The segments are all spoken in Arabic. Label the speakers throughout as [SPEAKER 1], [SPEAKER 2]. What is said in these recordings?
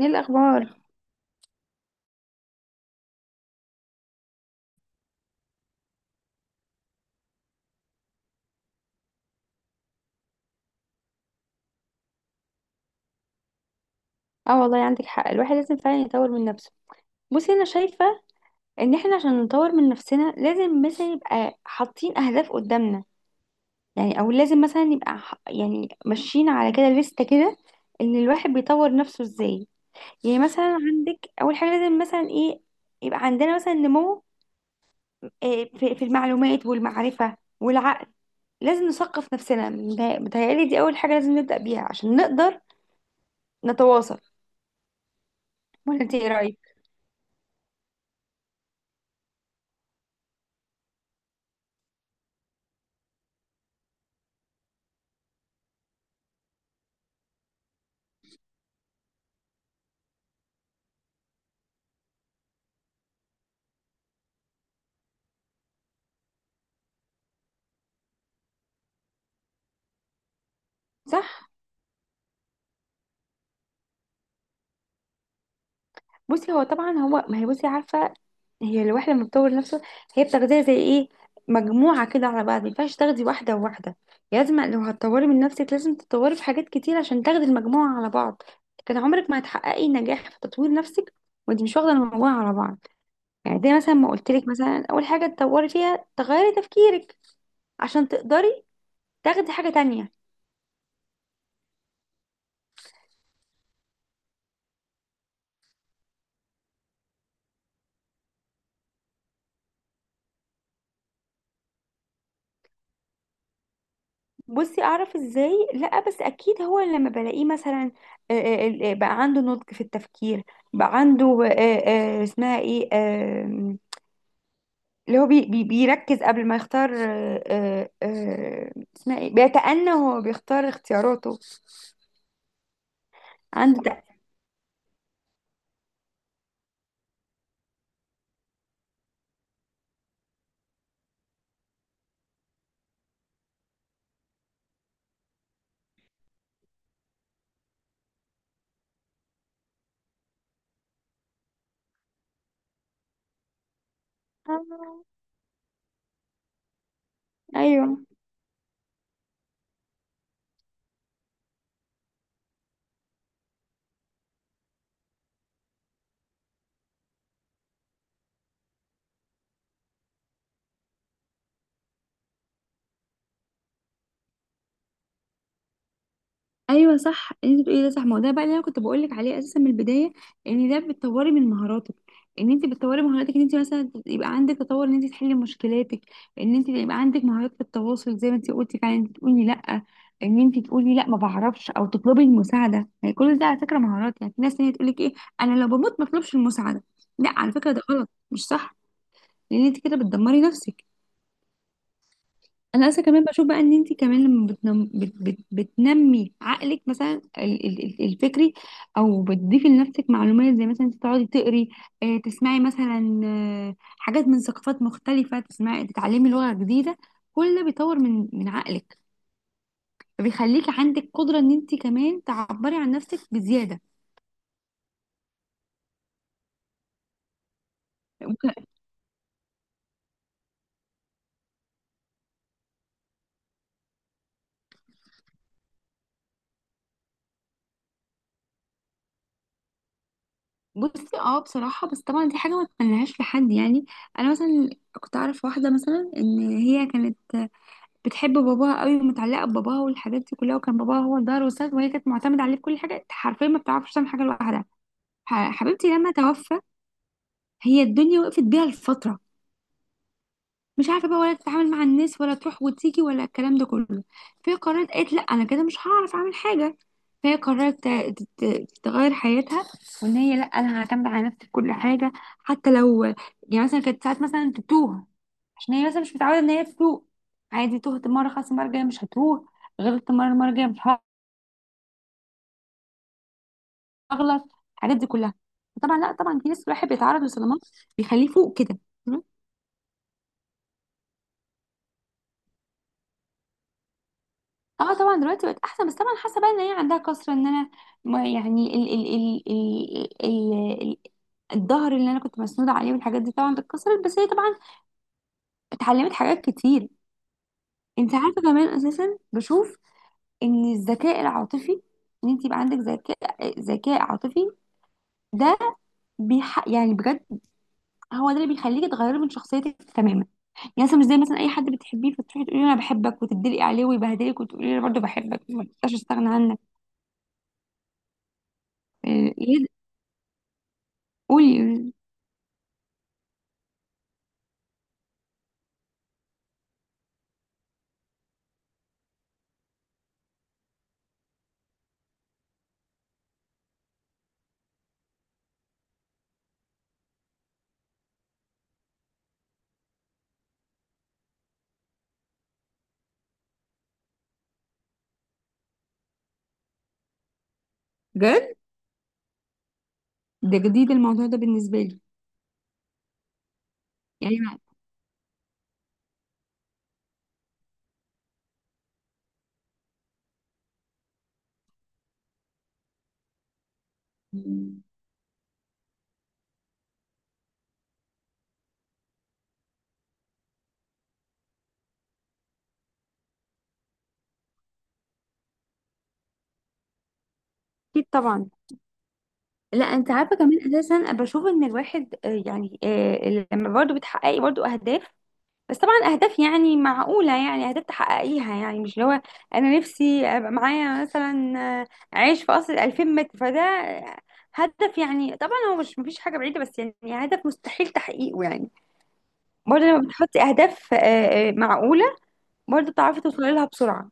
[SPEAKER 1] ايه الاخبار؟ اه، والله عندك حق. الواحد لازم فعلا يطور من نفسه. بصي، انا شايفه ان احنا عشان نطور من نفسنا لازم مثلا يبقى حاطين اهداف قدامنا. يعني او لازم مثلا يبقى يعني ماشيين على كده لستة كده. ان الواحد بيطور نفسه ازاي؟ يعني مثلا عندك اول حاجه لازم مثلا ايه؟ يبقى عندنا مثلا نمو في المعلومات والمعرفه والعقل. لازم نثقف نفسنا، متهيألي دي اول حاجه لازم نبدا بيها عشان نقدر نتواصل. ولا انت ايه رايك؟ صح. بصي، هو طبعا، هو ما هي، بصي عارفه، هي الواحده لما بتطور نفسه هي بتاخديها زي ايه؟ مجموعه كده على بعض. ما ينفعش تاخدي واحده وواحده. لازم لو هتطوري من نفسك لازم تتطوري في حاجات كتير عشان تاخدي المجموعه على بعض. كان عمرك ما هتحققي نجاح في تطوير نفسك وانت مش واخده المجموعه على بعض. يعني دي مثلا ما قلت لك، مثلا اول حاجه تطوري فيها تغيري تفكيرك عشان تقدري تاخدي حاجه تانية. بصي، اعرف ازاي؟ لا بس اكيد هو لما بلاقيه مثلا بقى عنده نضج في التفكير، بقى عنده اسمها ايه اللي هو بي بي بيركز قبل ما يختار، اسمها ايه، بيتأنى وهو بيختار اختياراته. عنده آه. ايوه، ايوه صح. انت بتقولي ده صح. ما هو ده بقى اللي انا كنت بقول لك عليه اساسا من البدايه. ان ده بتطوري من مهاراتك، ان انت بتطوري مهاراتك، ان انت مثلا يبقى عندك تطور، ان انت تحلي مشكلاتك، ان انت يبقى عندك مهارات في التواصل زي ما انت قلتي، فعلا انت تقولي لا. ان انت تقولي لا ما بعرفش، او تطلبي المساعده. يعني كل ده على فكره مهارات. يعني في ناس تانية تقول لك ايه، انا لو بموت ما اطلبش المساعده. لا، على فكره ده غلط، مش صح. لان انت كده بتدمري نفسك. انا اصلا كمان بشوف بقى ان انت كمان لما بتنمي عقلك، مثلا الفكري، او بتضيفي لنفسك معلومات زي مثلا انت تقعدي تقري، تسمعي مثلا حاجات من ثقافات مختلفه، تسمعي، تتعلمي لغه جديده. كل ده بيطور من عقلك، فبيخليكي عندك قدره ان انت كمان تعبري عن نفسك بزياده. وك- بصي، اه بصراحه، بس طبعا دي حاجه ما تتمنهاش لحد، يعني انا مثلا كنت اعرف واحده مثلا ان هي كانت بتحب باباها قوي، ومتعلقه بباباها، والحاجات دي كلها، وكان باباها هو الظهر والسند، وهي كانت معتمده عليه في كل حاجه حرفيا. ما بتعرفش تعمل حاجه لوحدها. حبيبتي لما توفى، هي الدنيا وقفت بيها لفتره. مش عارفه بقى، ولا تتعامل مع الناس، ولا تروح وتيجي، ولا الكلام ده كله. فهي قررت، قالت لا انا كده مش هعرف اعمل حاجه. فهي قررت تغير حياتها، وان هي لا، انا هعتمد على نفسي في كل حاجه. حتى لو يعني مثلا كانت ساعات مثلا تتوه، عشان هي مثلا مش متعوده ان هي تتوه، عادي، تهت مره خلاص، المره الجايه مش هتوه. غلطت مره، المره الجايه مش هغلط. الحاجات دي كلها. طبعا لا، طبعا في ناس الواحد بيتعرض لصدمات بيخليه فوق كده. اه طبعا دلوقتي بقت احسن، بس طبعا حاسه بقى ان هي عندها كسر، ان انا ما يعني ال ال ال ال ال ال الظهر اللي انا كنت مسنوده عليه والحاجات دي طبعا اتكسرت، بس هي طبعا اتعلمت حاجات كتير. انت عارفه كمان، اساسا بشوف ان الذكاء العاطفي، ان انت يبقى عندك ذكاء عاطفي، ده يعني بجد هو ده اللي بيخليكي تغيري من شخصيتك تماما. يعني مثلا مش زي مثلا اي حد بتحبيه فتروحي تقولي له انا بحبك، وتدلقي عليه ويبهدلك، وتقولي له انا برضه بحبك، ما تقدرش استغنى عنك. آه، إيه، قولي. بجد ده جديد، الموضوع ده بالنسبه لي. يعني اكيد طبعا. لا، انت عارفه كمان اساسا، أنا بشوف ان الواحد يعني لما برضه بتحققي برضه اهداف، بس طبعا اهداف يعني معقوله، يعني اهداف تحققيها، يعني مش اللي هو انا نفسي ابقى معايا مثلا آه، عيش في قصر 2000 متر، فده هدف، يعني طبعا هو مش مفيش حاجه بعيده، بس يعني هدف مستحيل تحقيقه. يعني برضه لما بتحطي اهداف معقوله، برضه بتعرفي توصلي لها بسرعه.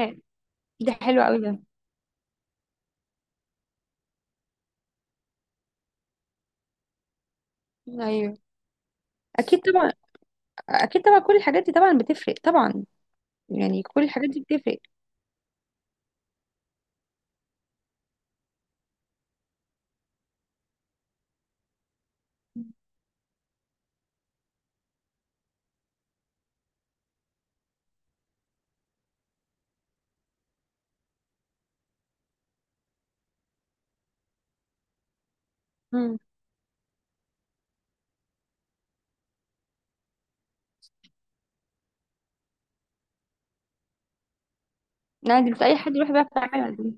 [SPEAKER 1] آه، ده حلو قوي ده. ايوه اكيد طبعا، اكيد طبعا كل الحاجات دي طبعا بتفرق طبعا، يعني كل الحاجات دي بتفرق. امم. يعني مش اي حد يروح بقى يعملها دي.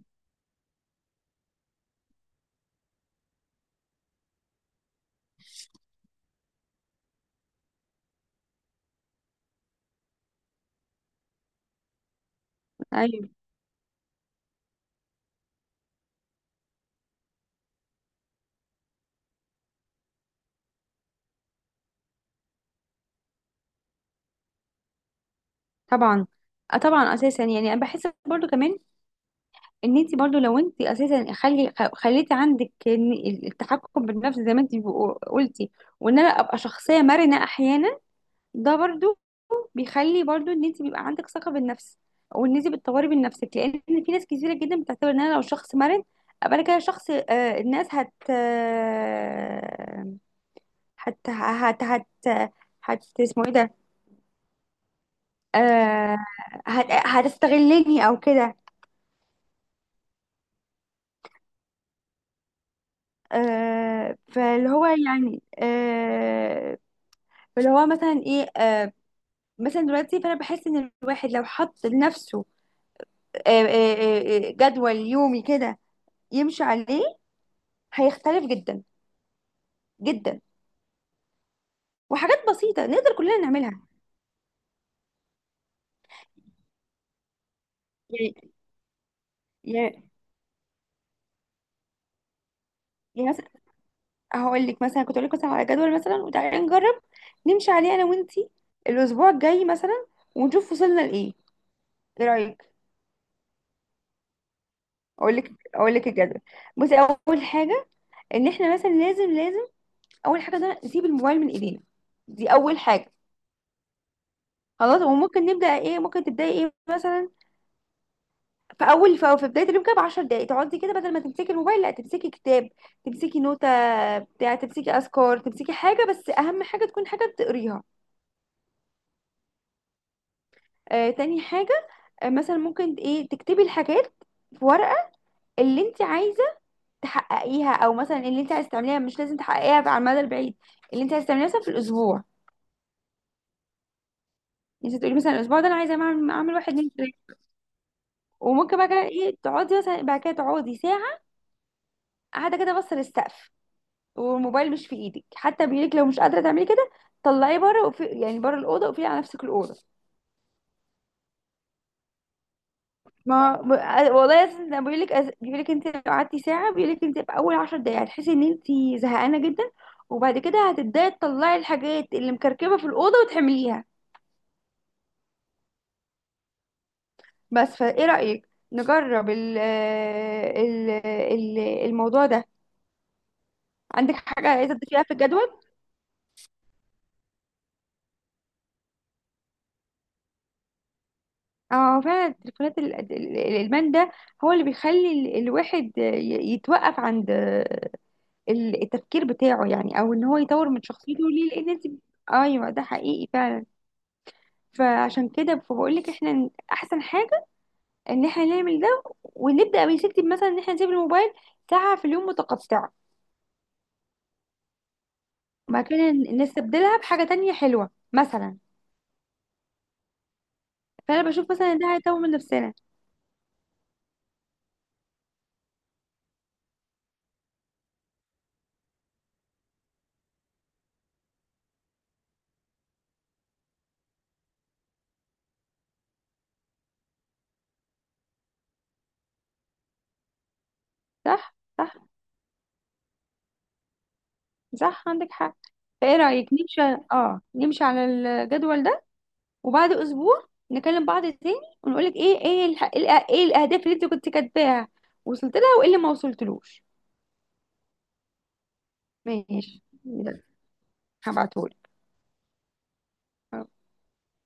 [SPEAKER 1] ايوه طبعا. آه طبعا اساسا، يعني انا بحس برضو كمان، ان انت برضو لو انت اساسا خليتي عندك إن التحكم بالنفس زي ما انت قلتي، وان انا ابقى شخصيه مرنه احيانا، ده برضو بيخلي برضو ان انت بيبقى عندك ثقه بالنفس، او ان انت بتطوري من نفسك. لان في ناس كثيره جدا بتعتبر ان انا لو شخص مرن، ابقى انا كده شخص، الناس هت هت هت هت اسمه ايه ده؟ آه. هتستغلني او كده. آه فاللي هو يعني آه فاللي هو مثلا ايه، مثلا دلوقتي، فانا بحس ان الواحد لو حط لنفسه جدول يومي كده يمشي عليه، هيختلف جدا جدا. وحاجات بسيطه نقدر كلنا نعملها. يعني يعني مثلا هقول لك مثلا، كنت اقول لك مثلا على جدول مثلا، وتعالي نجرب نمشي عليه انا وانتي الاسبوع الجاي مثلا، ونشوف وصلنا لايه. ايه رايك؟ اقول لك، الجدول. بصي، اول حاجه ان احنا مثلا لازم، اول حاجه ده نسيب الموبايل من ايدينا، دي اول حاجه. خلاص، وممكن نبدا ايه، ممكن تبداي ايه مثلا. في اول في في بدايه اليوم كده ب 10 دقائق، تقعدي كده بدل ما تمسكي الموبايل، لا، تمسكي كتاب، تمسكي نوتة بتاع، تمسكي اذكار، تمسكي حاجه، بس اهم حاجه تكون حاجه بتقريها. تاني حاجه، مثلا ممكن ايه، تكتبي الحاجات في ورقه، اللي انت عايزه تحققيها، او مثلا اللي انت عايزه تعمليها، مش لازم تحققيها على المدى البعيد، اللي انت عايزه تعمليها مثلا في الاسبوع. يعني انت تقولي مثلا الاسبوع ده انا عايزه اعمل، واحد، اتنين، تلاته. وممكن بقى كده ايه، تقعدي مثلا بعد كده، تقعدي ساعه قاعده كده بص للسقف، والموبايل مش في ايدك. حتى بايدك لو مش قادره تعملي كده، طلعيه بره. وفي يعني بره الاوضه، وقفلي على نفسك الاوضه. ما ب- والله أساساً انا بيقول لك، انت لو قعدتي ساعه بيقول لك انت في اول 10 دقايق هتحسي ان انت زهقانه جدا. وبعد كده هتبداي تطلعي الحاجات اللي مكركبه في الاوضه وتحمليها. بس فايه رايك نجرب ال ال ال الموضوع ده؟ عندك حاجه عايزه تضيفيها في الجدول؟ اه فعلا، التليفونات، الادمان ده هو اللي بيخلي الواحد يتوقف عند التفكير بتاعه. يعني او ان هو يطور من شخصيته ليه، لان انت، ايوه ده حقيقي فعلا. فعشان كده فبقول لك احنا احسن حاجه ان احنا نعمل ده، ونبدا يا ستي مثلا ان احنا نسيب الموبايل ساعه في اليوم متقطعه، مكان نستبدلها بحاجه تانية حلوه مثلا. فانا بشوف مثلا ان ده هيطور من نفسنا. صح صح. صح عندك حق. فايه رايك نمشي؟ اه، نمشي على الجدول ده وبعد اسبوع نكلم بعض تاني، ونقول لك ايه الاهداف اللي انت كنت كاتباها، وصلت لها، وايه اللي ما وصلتلوش. ماشي، يلا، هبعتهولك.